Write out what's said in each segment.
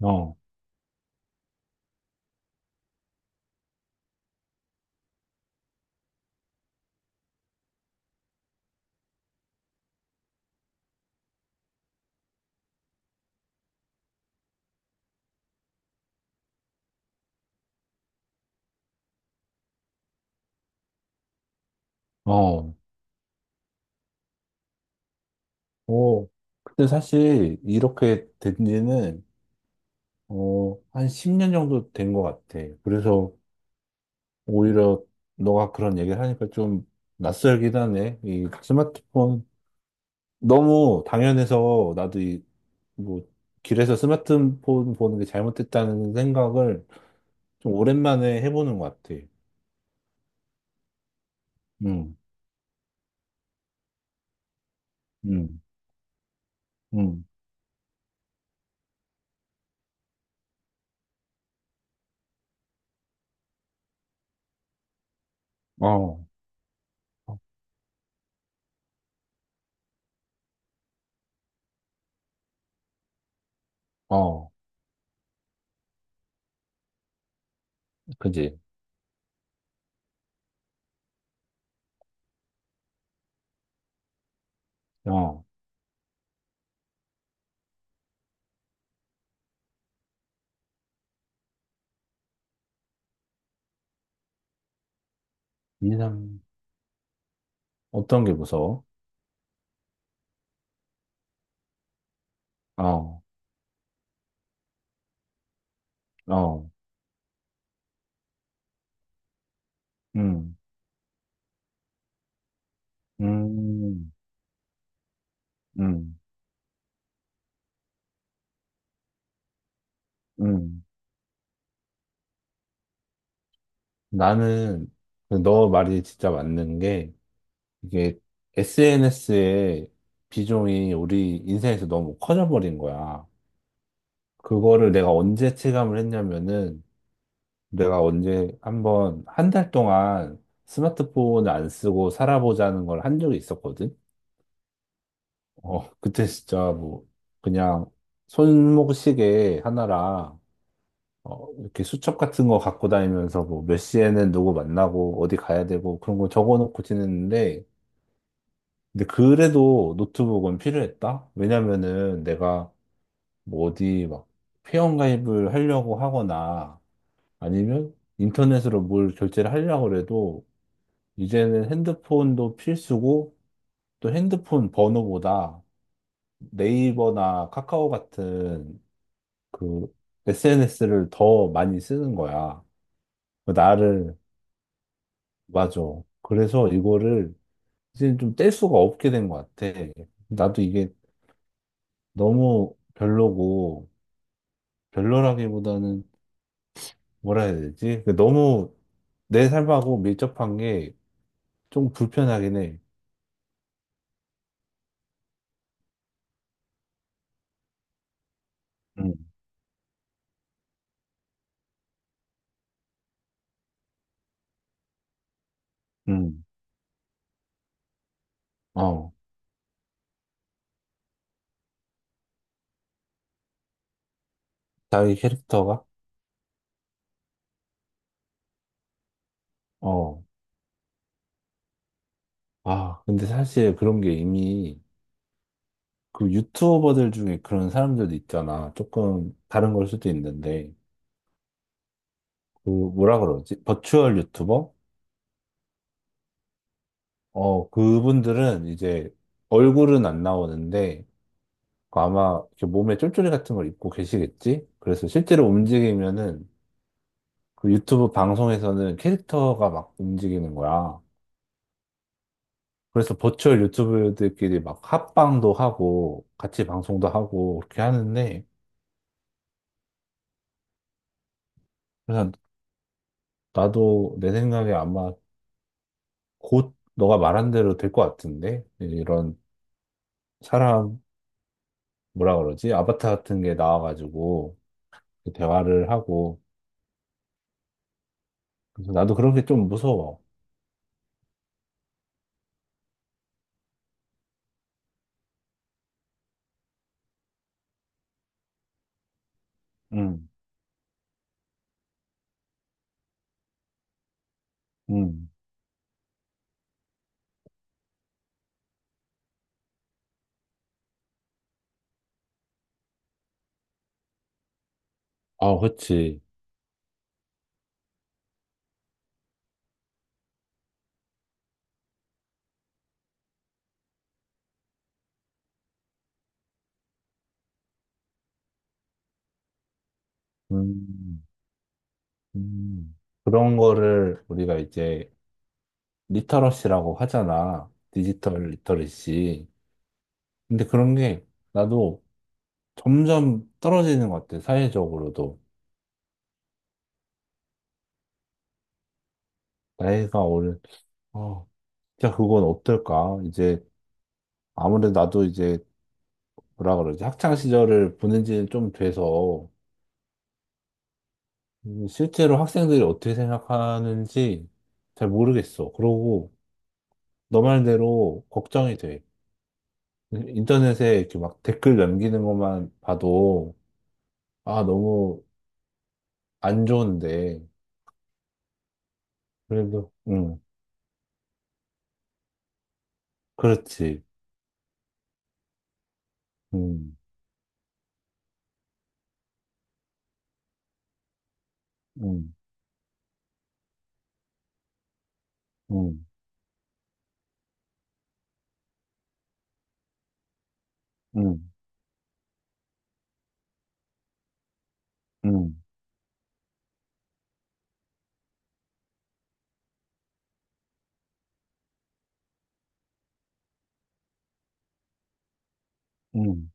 어, 어, 어. 그때 사실 이렇게 된 지는, 한 10년 정도 된 것 같아. 그래서 오히려 너가 그런 얘기를 하니까 좀 낯설긴 하네. 이 스마트폰 너무 당연해서 나도 뭐, 길에서 스마트폰 보는 게 잘못됐다는 생각을 좀 오랜만에 해보는 것 같아. 응, 응, 응. 어, 어, 그지. 어, 인상, 어떤 게 무서워? 어, 어. 음, 음, 음, 음. 나는 그너 말이 진짜 맞는 게 이게 SNS의 비중이 우리 인생에서 너무 커져버린 거야. 그거를 내가 언제 체감을 했냐면은 내가 언제 한번 한 달 동안 스마트폰을 안 쓰고 살아보자는 걸 한 적이 있었거든. 어, 그때 진짜 뭐 그냥 손목시계 하나랑 이렇게 수첩 같은 거 갖고 다니면서 뭐 몇 시에는 누구 만나고 어디 가야 되고 그런 거 적어놓고 지냈는데 근데 그래도 노트북은 필요했다? 왜냐면은 내가 뭐 어디 막 회원가입을 하려고 하거나 아니면 인터넷으로 뭘 결제를 하려고 해도 이제는 핸드폰도 필수고 또 핸드폰 번호보다 네이버나 카카오 같은 그 SNS를 더 많이 쓰는 거야. 나를 맞아. 그래서 이거를 이제 좀 뗄 수가 없게 된 것 같아. 나도 이게 너무 별로고, 별로라기보다는 뭐라 해야 되지? 그 너무 내 삶하고 밀접한 게 좀 불편하긴 해. 음, 음. 어, 자기 캐릭터가? 어. 아, 근데 사실 그런 게 이미 그 유튜버들 중에 그런 사람들도 있잖아. 조금 다른 걸 수도 있는데. 그 뭐라 그러지? 버추얼 유튜버? 어, 그분들은 이제 얼굴은 안 나오는데 그 아마 이렇게 몸에 쫄쫄이 같은 걸 입고 계시겠지? 그래서 실제로 움직이면은 그 유튜브 방송에서는 캐릭터가 막 움직이는 거야. 그래서 버추얼 유튜버들끼리 막 합방도 하고 같이 방송도 하고 그렇게 하는데 그래서 나도 내 생각에 아마 곧 너가 말한 대로 될 것 같은데 이런 사람 뭐라 그러지? 아바타 같은 게 나와가지고 대화를 하고 그래서 나도 그런 게 좀 무서워. 음, 음. 아, 그치. 음, 음. 그런 거를 우리가 이제 리터러시라고 하잖아. 디지털 리터러시. 근데 그런 게 나도 점점 떨어지는 것 같아. 사회적으로도. 나이가 오른, 어, 진짜 그건 어떨까? 이제 아무래도 나도 이제 뭐라 그러지? 학창 시절을 보낸 지는 좀 돼서 실제로 학생들이 어떻게 생각하는지 잘 모르겠어. 그러고 너 말대로 걱정이 돼. 인터넷에 이렇게 막 댓글 남기는 것만 봐도, 아, 너무 안 좋은데. 그래도, 응, 그렇지. 응, 응, 응, 응, 응, 응,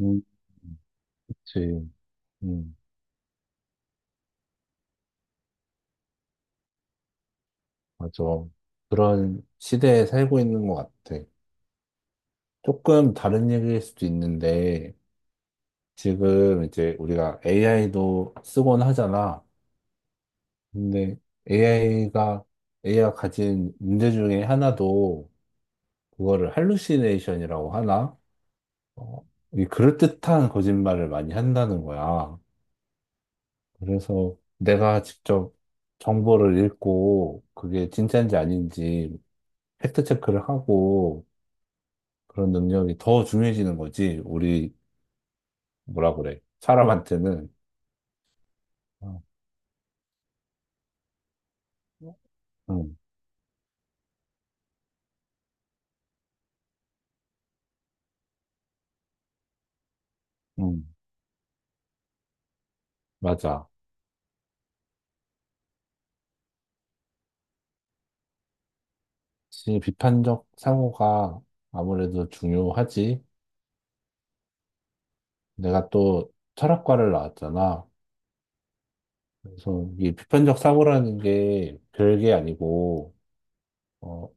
응, 응, 그렇지. 응, 맞아. 그런 시대에 살고 있는 것 같아. 조금 다른 얘기일 수도 있는데, 지금 이제 우리가 AI도 쓰곤 하잖아. 근데 AI가, AI가 가진 문제 중에 하나도 그거를 할루시네이션이라고 하나? 어, 이 그럴듯한 거짓말을 많이 한다는 거야. 그래서 내가 직접 정보를 읽고 그게 진짜인지 아닌지 팩트 체크를 하고 그런 능력이 더 중요해지는 거지. 우리 뭐라 그래? 사람한테는. 어, 응, 응, 맞아. 지 비판적 사고가 아무래도 중요하지. 내가 또 철학과를 나왔잖아. 그래서 이 비판적 사고라는 게 별게 아니고, 어,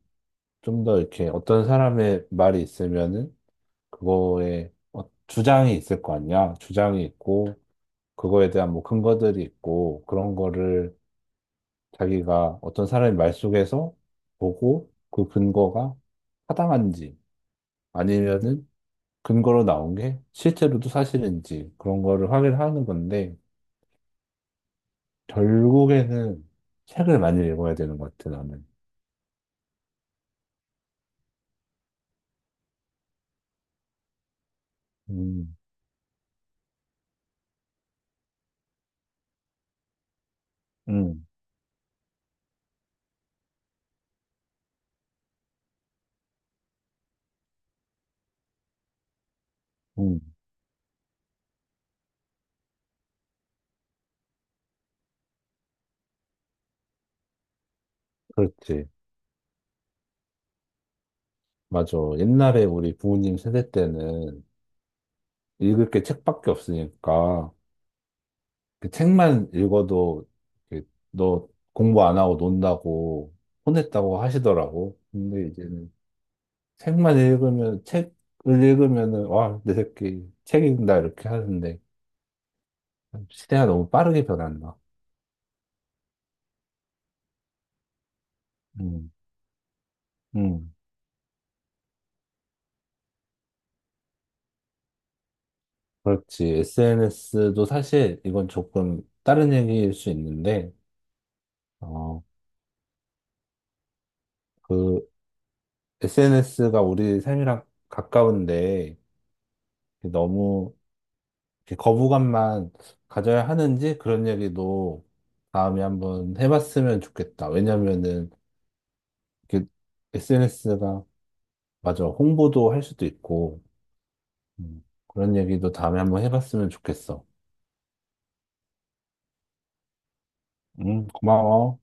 좀 더 이렇게 어떤 사람의 말이 있으면은 그거에 어, 주장이 있을 거 아니야. 주장이 있고, 그거에 대한 뭐 근거들이 있고, 그런 거를 자기가 어떤 사람의 말 속에서 보고 그 근거가 타당한지 아니면은 근거로 나온 게 실제로도 사실인지 그런 거를 확인하는 건데, 결국에는 책을 많이 읽어야 되는 것 같아, 나는. 음, 음, 음, 그렇지. 맞아. 옛날에 우리 부모님 세대 때는 읽을 게 책밖에 없으니까 그 책만 읽어도 이렇게 너 공부 안 하고 논다고 혼냈다고 하시더라고. 근데 이제는 책을 읽으면은, 와, 내 새끼 책 읽는다 이렇게 하는데 시대가 너무 빠르게 변한다. 음, 음. 그렇지. SNS도 사실 이건 조금 다른 얘기일 수 있는데, 어, 그 SNS가 우리 삶이랑 가까운데 너무 이렇게 거부감만 가져야 하는지 그런 얘기도 다음에 한번 해봤으면 좋겠다. 왜냐면은 SNS가 맞아. 홍보도 할 수도 있고, 그런 얘기도 다음에 한번 해봤으면 좋겠어. 고마워.